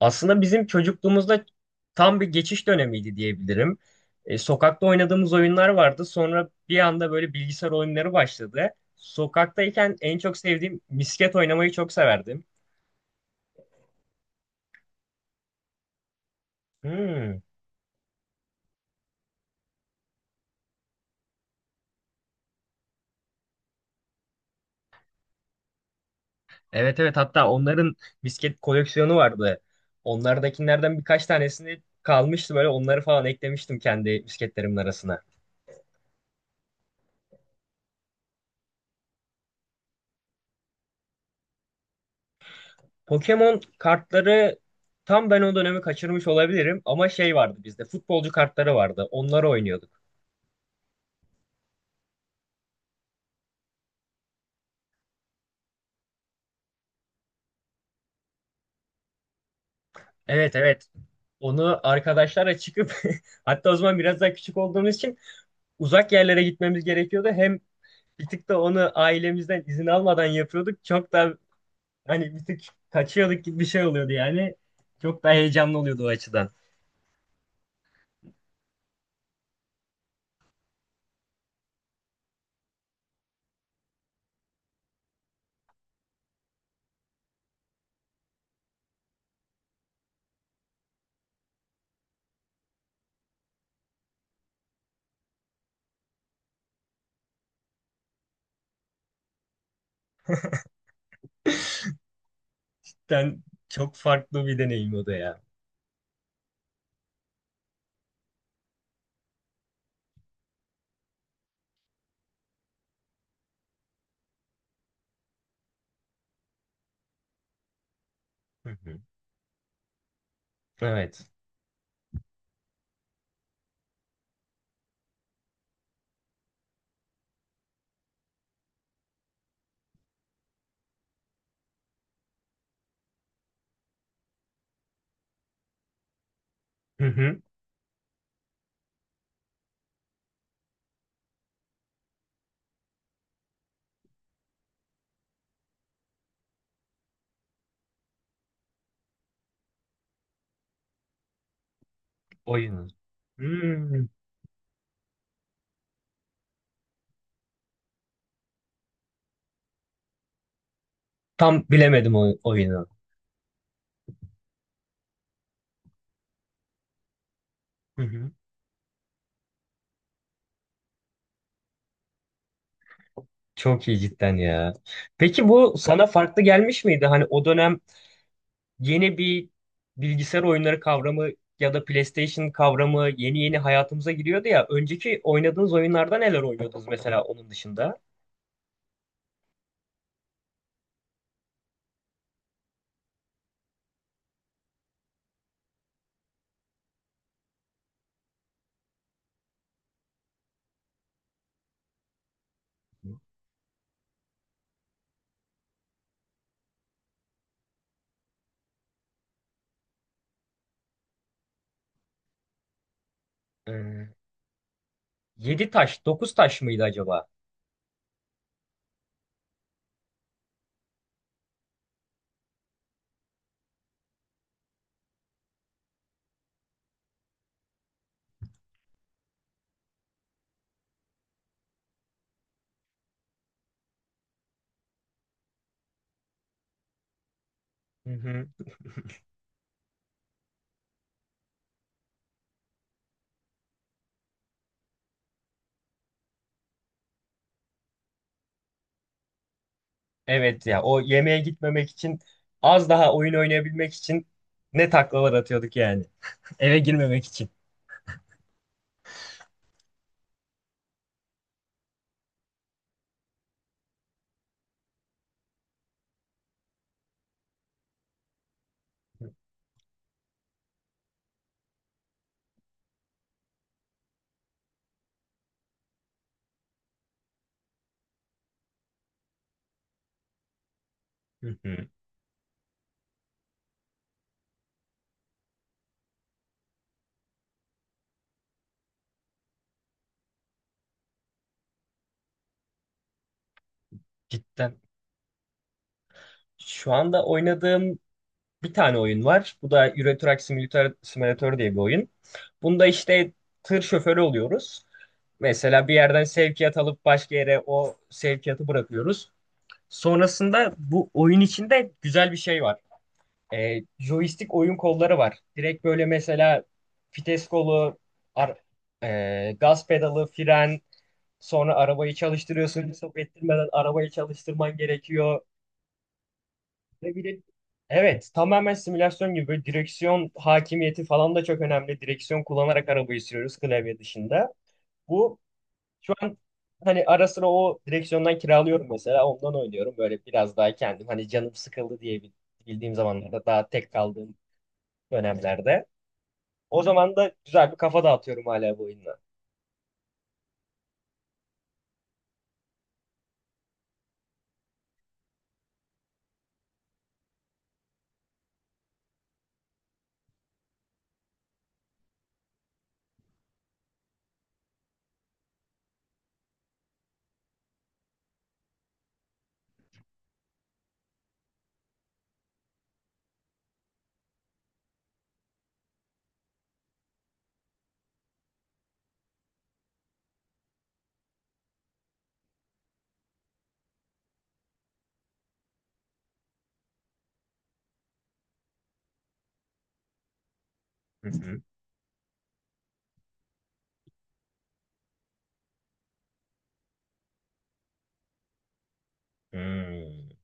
Aslında bizim çocukluğumuzda tam bir geçiş dönemiydi diyebilirim. Sokakta oynadığımız oyunlar vardı. Sonra bir anda böyle bilgisayar oyunları başladı. Sokaktayken en çok sevdiğim misket oynamayı çok severdim. Hmm. Evet, evet, hatta onların misket koleksiyonu vardı. Onlardakilerden birkaç tanesini kalmıştı, böyle onları falan eklemiştim kendi misketlerimin arasına. Pokemon kartları tam ben o dönemi kaçırmış olabilirim ama şey vardı, bizde futbolcu kartları vardı. Onları oynuyorduk. Evet, evet. Onu arkadaşlara çıkıp hatta o zaman biraz daha küçük olduğumuz için uzak yerlere gitmemiz gerekiyordu. Hem bir tık da onu ailemizden izin almadan yapıyorduk. Çok da hani bir tık kaçıyorduk gibi bir şey oluyordu yani. Çok daha heyecanlı oluyordu o açıdan. Yani çok farklı bir deneyim o da ya. Hı hı. Evet. Hı hı. Oyunu. Hmm. Tam bilemedim o oyunu. Hı hı. Çok iyi cidden ya. Peki bu sana farklı gelmiş miydi? Hani o dönem yeni bir bilgisayar oyunları kavramı ya da PlayStation kavramı yeni yeni hayatımıza giriyordu ya. Önceki oynadığınız oyunlarda neler oynuyordunuz mesela onun dışında? Ee, 7 taş, 9 taş mıydı acaba? Hı hı. Evet ya, o yemeğe gitmemek için az daha oyun oynayabilmek için ne taklalar atıyorduk yani. Eve girmemek için. Hı hı. Cidden. Şu anda oynadığım bir tane oyun var. Bu da Euro Truck Simulator, Simulator diye bir oyun. Bunda işte tır şoförü oluyoruz. Mesela bir yerden sevkiyat alıp başka yere o sevkiyatı bırakıyoruz. Sonrasında bu oyun içinde güzel bir şey var. Joystick oyun kolları var. Direkt böyle mesela vites kolu, ar- gaz pedalı, fren, sonra arabayı çalıştırıyorsun. Stop ettirmeden arabayı çalıştırman gerekiyor. Ve bir de evet, tamamen simülasyon gibi, böyle direksiyon hakimiyeti falan da çok önemli. Direksiyon kullanarak arabayı sürüyoruz klavye dışında. Bu şu an hani ara sıra o direksiyondan kiralıyorum mesela, ondan oynuyorum. Böyle biraz daha kendim hani canım sıkıldı diye bildiğim zamanlarda, daha tek kaldığım dönemlerde. O zaman da güzel bir kafa dağıtıyorum hala bu oyunla. Hı hı. Hmm.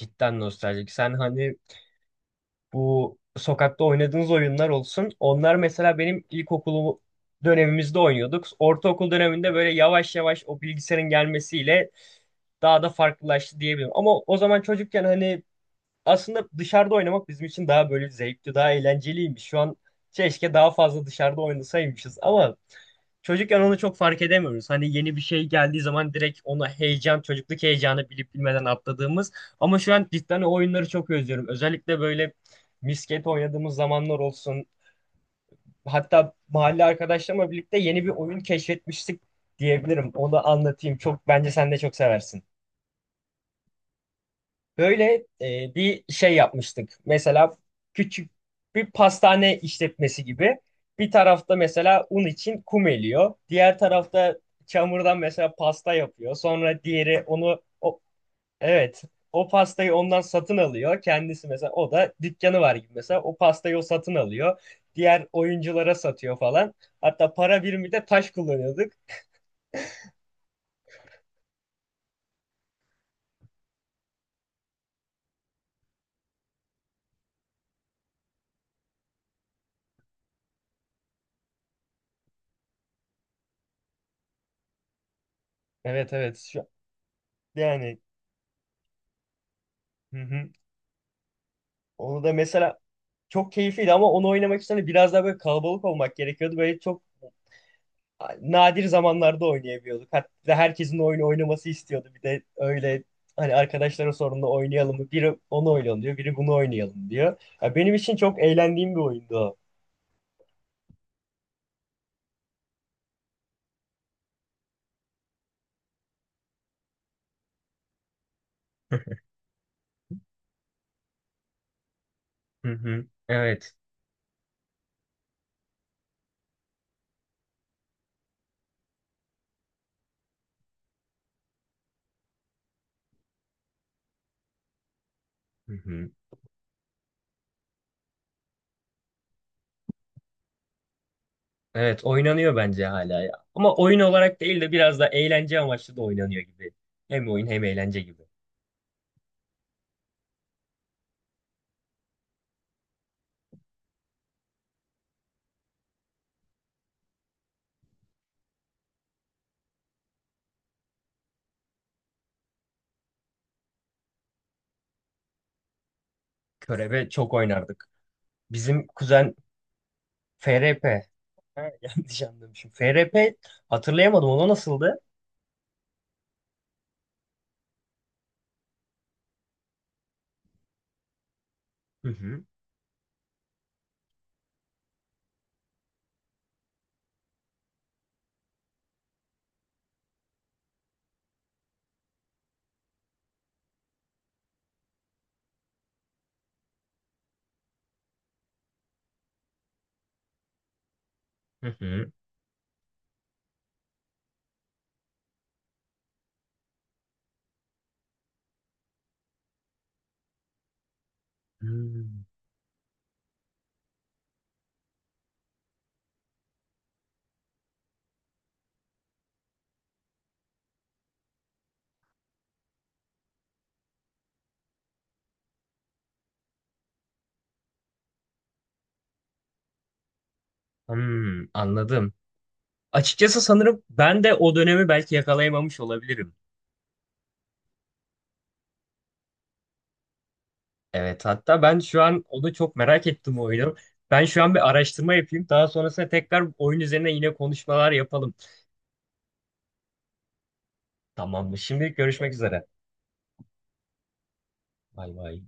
Cidden nostaljik. Sen hani bu sokakta oynadığınız oyunlar olsun. Onlar mesela benim ilkokulu dönemimizde oynuyorduk. Ortaokul döneminde böyle yavaş yavaş o bilgisayarın gelmesiyle daha da farklılaştı diyebilirim. Ama o zaman çocukken hani aslında dışarıda oynamak bizim için daha böyle zevkli, daha eğlenceliymiş. Şu an keşke daha fazla dışarıda oynasaymışız ama çocukken onu çok fark edemiyoruz. Hani yeni bir şey geldiği zaman direkt ona heyecan, çocukluk heyecanı bilip bilmeden atladığımız. Ama şu an cidden o oyunları çok özlüyorum. Özellikle böyle misket oynadığımız zamanlar olsun. Hatta mahalle arkadaşlarımla birlikte yeni bir oyun keşfetmiştik diyebilirim. Onu anlatayım. Çok bence sen de çok seversin. Böyle bir şey yapmıştık. Mesela küçük bir pastane işletmesi gibi. Bir tarafta mesela un için kum eliyor. Diğer tarafta çamurdan mesela pasta yapıyor. Sonra diğeri onu o, evet, o pastayı ondan satın alıyor. Kendisi mesela, o da dükkanı var gibi, mesela o pastayı o satın alıyor. Diğer oyunculara satıyor falan. Hatta para birimi de taş kullanıyorduk. Evet, evet, şu yani, hı hı. Onu da mesela çok keyifliydi ama onu oynamak için de biraz daha böyle kalabalık olmak gerekiyordu. Böyle çok nadir zamanlarda oynayabiliyorduk. Hatta herkesin oyunu oynaması istiyordu. Bir de öyle hani arkadaşlara sorduğunda oynayalım mı? Biri onu oynayalım diyor, biri bunu oynayalım diyor. Ya benim için çok eğlendiğim bir oyundu o. Hı hı. Evet. Hı hı. Evet, oynanıyor bence hala ya. Ama oyun olarak değil de biraz da eğlence amaçlı da oynanıyor gibi. Hem oyun hem eğlence gibi. Körebe çok oynardık. Bizim kuzen FRP. Ha, yanlış anlamışım. FRP hatırlayamadım. Ona nasıldı? Hı hı. Hı hı. Hmm, hmm, anladım. Açıkçası sanırım ben de o dönemi belki yakalayamamış olabilirim. Evet, hatta ben şu an onu çok merak ettim o oyunu. Ben şu an bir araştırma yapayım. Daha sonrasında tekrar oyun üzerine yine konuşmalar yapalım. Tamamdır. Şimdilik görüşmek üzere. Bay bay.